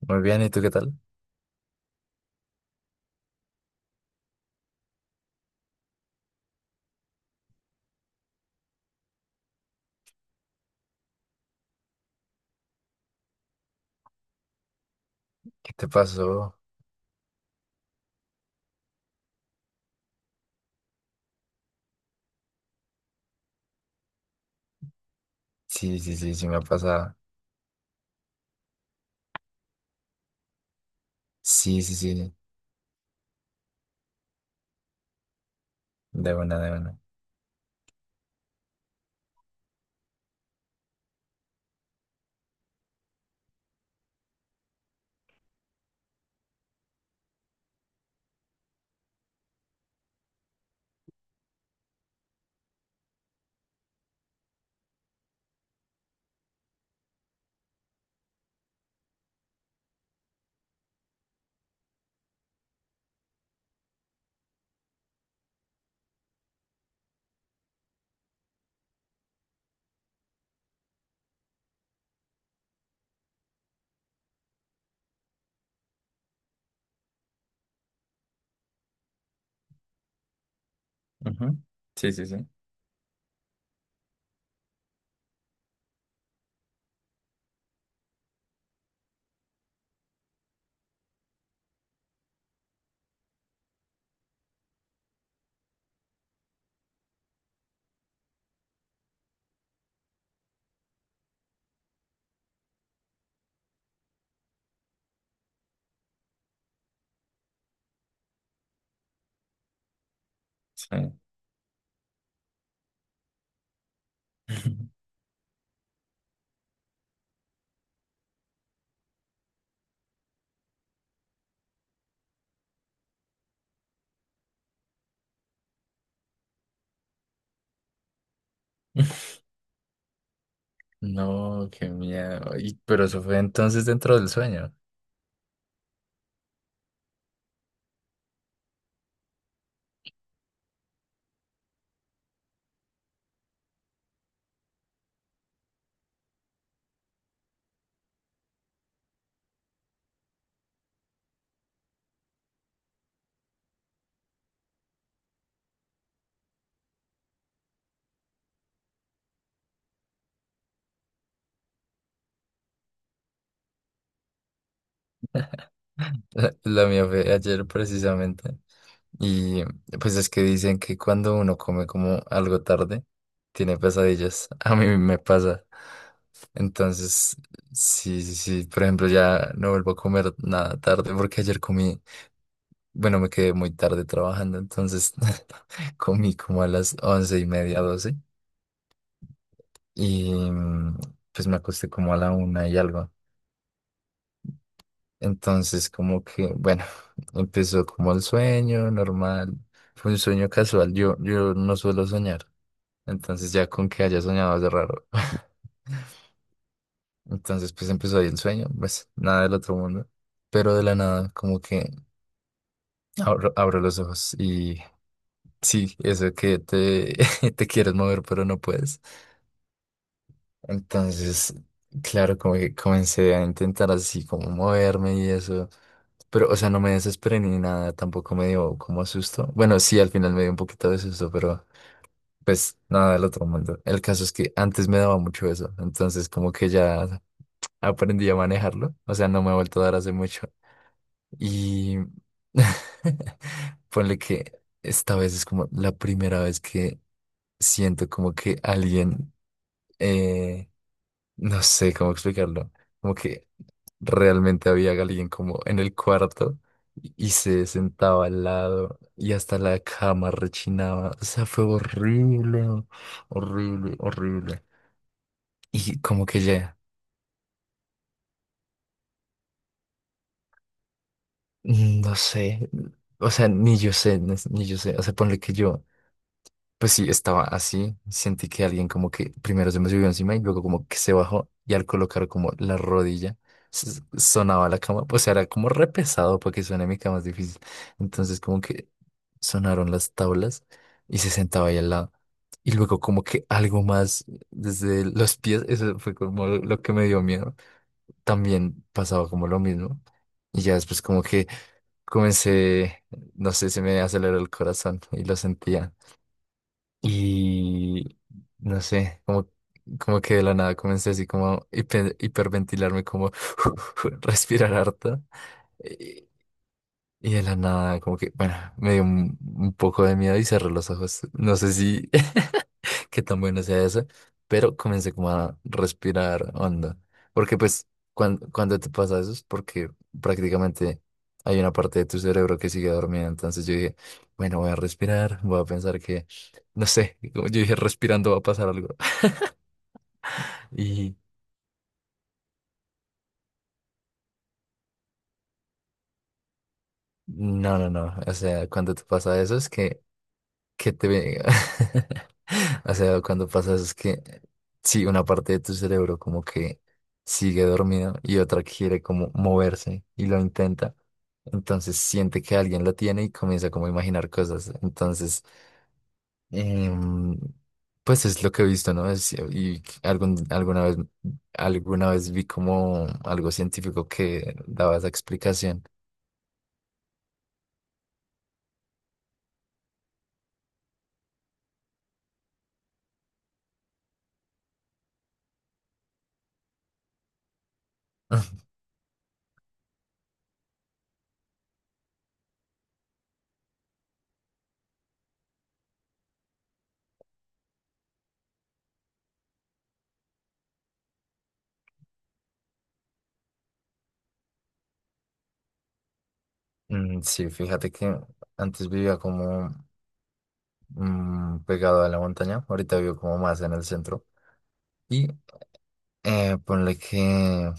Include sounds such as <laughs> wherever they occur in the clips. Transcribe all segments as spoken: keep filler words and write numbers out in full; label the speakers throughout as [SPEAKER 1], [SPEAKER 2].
[SPEAKER 1] Muy bien, ¿y tú qué tal? ¿Qué te pasó? Sí, sí, sí, sí me ha pasado. Sí, sí, sí, de una, de una. Ujú. Sí, sí, sí. Sí. <laughs> No, qué miedo. Y- pero eso fue entonces dentro del sueño. <laughs> La mía fue ayer precisamente. Y pues es que dicen que cuando uno come como algo tarde, tiene pesadillas. <laughs> A mí me pasa. Entonces, sí, sí, sí. Por ejemplo, ya no vuelvo a comer nada tarde porque ayer comí. Bueno, me quedé muy tarde trabajando, entonces <laughs> comí como a las once y media, doce, y mm, pues me acosté como a la una y algo. Entonces, como que, bueno, <laughs> empezó como el sueño normal, fue un sueño casual, yo, yo no suelo soñar, entonces ya con que haya soñado es raro. <laughs> Entonces, pues empezó ahí el sueño, pues nada del otro mundo, pero de la nada, como que abro, abro los ojos y sí, eso que te, <laughs> te quieres mover, pero no puedes. Entonces, claro, como que comencé a intentar así como moverme y eso. Pero, o sea, no me desesperé ni nada, tampoco me dio como susto. Bueno, sí, al final me dio un poquito de susto, pero pues nada del otro mundo. El caso es que antes me daba mucho eso, entonces como que ya aprendí a manejarlo. O sea, no me ha vuelto a dar hace mucho. Y <laughs> ponle que esta vez es como la primera vez que siento como que alguien, eh, no sé cómo explicarlo, como que realmente había alguien como en el cuarto y y se sentaba al lado y hasta la cama rechinaba. O sea, fue horrible, horrible, horrible. Y como que ya, mm, no sé, o sea, ni yo sé, ni ni yo sé, o sea, ponle que yo. Pues sí, estaba así. Sentí que alguien como que primero se me subió encima y luego como que se bajó y al colocar como la rodilla s- sonaba la cama. Pues era como re pesado para que suene mi cama es difícil. Entonces como que sonaron las tablas y se sentaba ahí al lado. Y luego como que algo más desde los pies, eso fue como lo lo que me dio miedo. También pasaba como lo mismo. Y ya después como que comencé, no sé, se me aceleró el corazón y lo sentía. Y no sé, como, como que de la nada comencé así como a hiper- hiperventilarme, como <laughs> respirar harto. Y de la nada, como que, bueno, me dio un, un poco de miedo y cerré los ojos. No sé si <laughs> qué tan bueno sea eso, pero comencé como a respirar hondo. Porque pues cuando, cuando te pasa eso es porque prácticamente hay una parte de tu cerebro que sigue dormida. Entonces yo dije, bueno, voy a respirar, voy a pensar que, no sé, <laughs> como yo dije, respirando va a pasar algo. <laughs> Y no, no, no. O sea, cuando te pasa eso es que que te venga. <laughs> O sea, cuando pasa eso es que sí, una parte de tu cerebro como que sigue dormido y otra quiere como moverse y lo intenta. Entonces siente que alguien lo tiene y comienza como a imaginar cosas. Entonces, em, pues es lo que he visto, ¿no? Es- y algún, alguna vez, alguna vez vi como algo científico que daba esa explicación. <laughs> Mm, sí, fíjate que antes vivía como mm, pegado a la montaña. Ahorita vivo como más en el centro. Y eh, ponle que,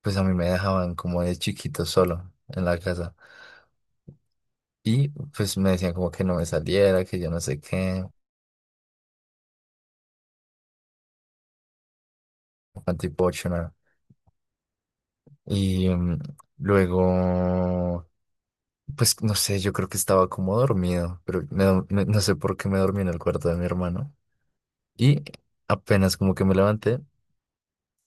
[SPEAKER 1] pues a mí me dejaban como de chiquito solo en la casa. Y pues me decían como que no me saliera, que yo no sé qué, antipochona. Y mm, luego, pues no sé, yo creo que estaba como dormido, pero me do- me- no sé por qué me dormí en el cuarto de mi hermano. Y apenas como que me levanté,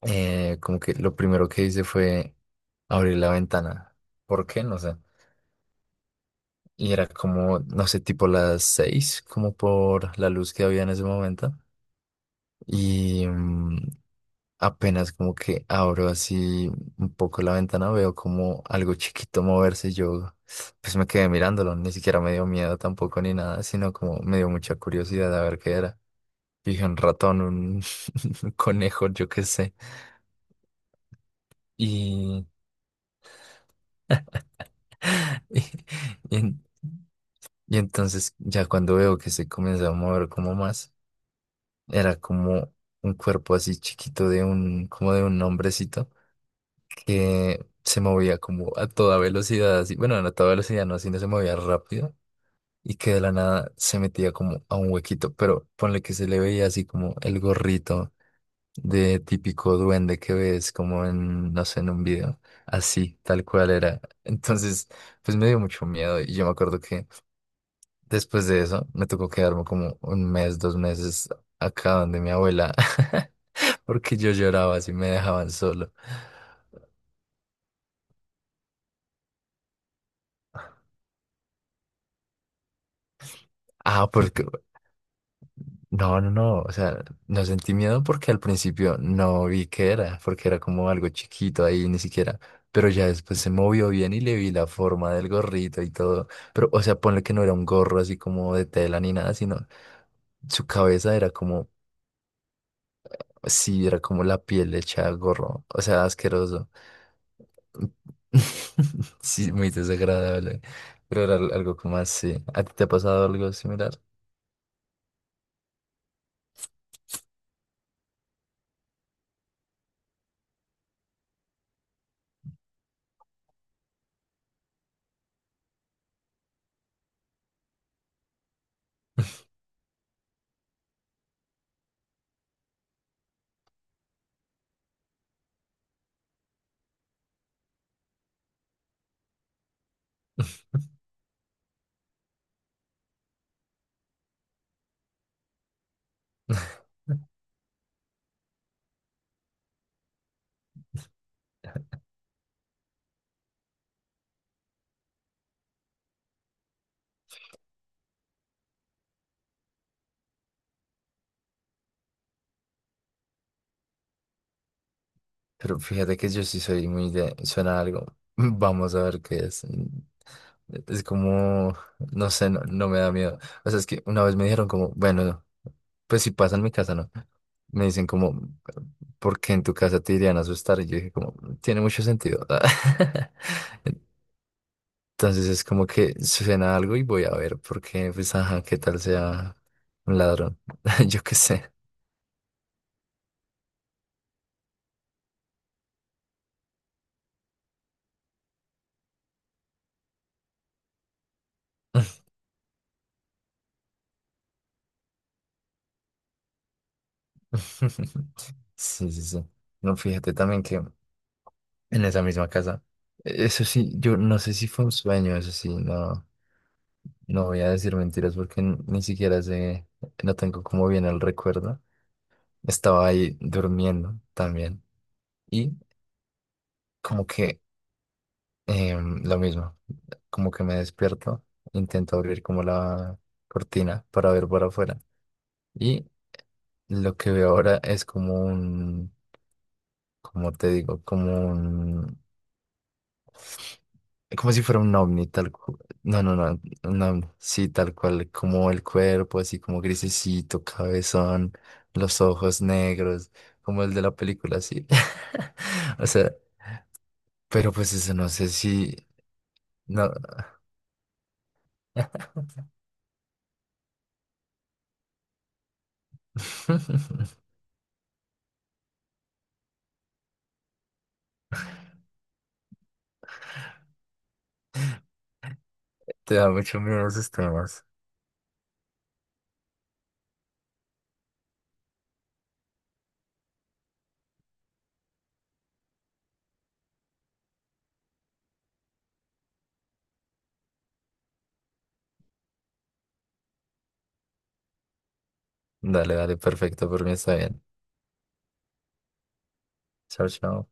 [SPEAKER 1] eh, como que lo primero que hice fue abrir la ventana. ¿Por qué? No sé. Y era como, no sé, tipo las seis, como por la luz que había en ese momento. Y mm, apenas como que abro así un poco la ventana, veo como algo chiquito moverse. Y yo pues me quedé mirándolo, ni siquiera me dio miedo tampoco ni nada, sino como me dio mucha curiosidad a ver qué era. Dije un ratón, un <laughs> un conejo, yo qué sé. Y, <laughs> y, y en- Y entonces ya cuando veo que se comenzó a mover como más, era como un cuerpo así chiquito de un, como de un hombrecito que se movía como a toda velocidad, así, bueno, no a toda velocidad, no, sino se movía rápido y que de la nada se metía como a un huequito, pero ponle que se le veía así como el gorrito de típico duende que ves como en, no sé, en un video, así, tal cual era. Entonces, pues me dio mucho miedo y yo me acuerdo que... Después de eso, me tocó quedarme como un mes, dos meses acá donde mi abuela, <laughs> porque yo lloraba si me dejaban solo. Ah, porque... No, no, no, o sea, no sentí miedo porque al principio no vi qué era, porque era como algo chiquito ahí, ni siquiera, pero ya después se movió bien y le vi la forma del gorrito y todo, pero, o sea, ponle que no era un gorro así como de tela ni nada, sino su cabeza era como, sí, era como la piel hecha gorro, o sea, asqueroso. <laughs> Sí, muy desagradable, pero era al- algo como así. ¿A ti te ha pasado algo similar? <laughs> Pero fíjate que yo sí soy muy de... Suena algo. <laughs> Vamos a ver qué es. Es como... No sé, no, no me da miedo. O sea, es que una vez me dijeron como, bueno, pues si pasa en mi casa, ¿no? Me dicen como, ¿por qué en tu casa te irían a asustar? Y yo dije como, tiene mucho sentido. <laughs> Entonces es como que suena algo y voy a ver, porque pues ajá, qué tal sea un ladrón, <laughs> yo qué sé. <laughs> Sí, sí, sí. No, fíjate también que en esa misma casa, e-, eso sí, yo no sé si fue un sueño, eso sí, no, no voy a decir mentiras porque n- ni siquiera sé, no tengo como bien el recuerdo. Estaba ahí durmiendo también y como que Em, lo mismo, como que me despierto, intento abrir como la cortina para ver por afuera. Y lo que veo ahora es como un, como te digo, como un, como si fuera un ovni, tal cual. No, no, no, un ovni, sí, tal cual, como el cuerpo, así como grisecito, cabezón, los ojos negros, como el de la película, así. <laughs> O sea, pero pues eso no sé si, no. <laughs> Te da mucho miedo esos temas. Dale, dale, perfecto, por mí está bien. Chao, chao.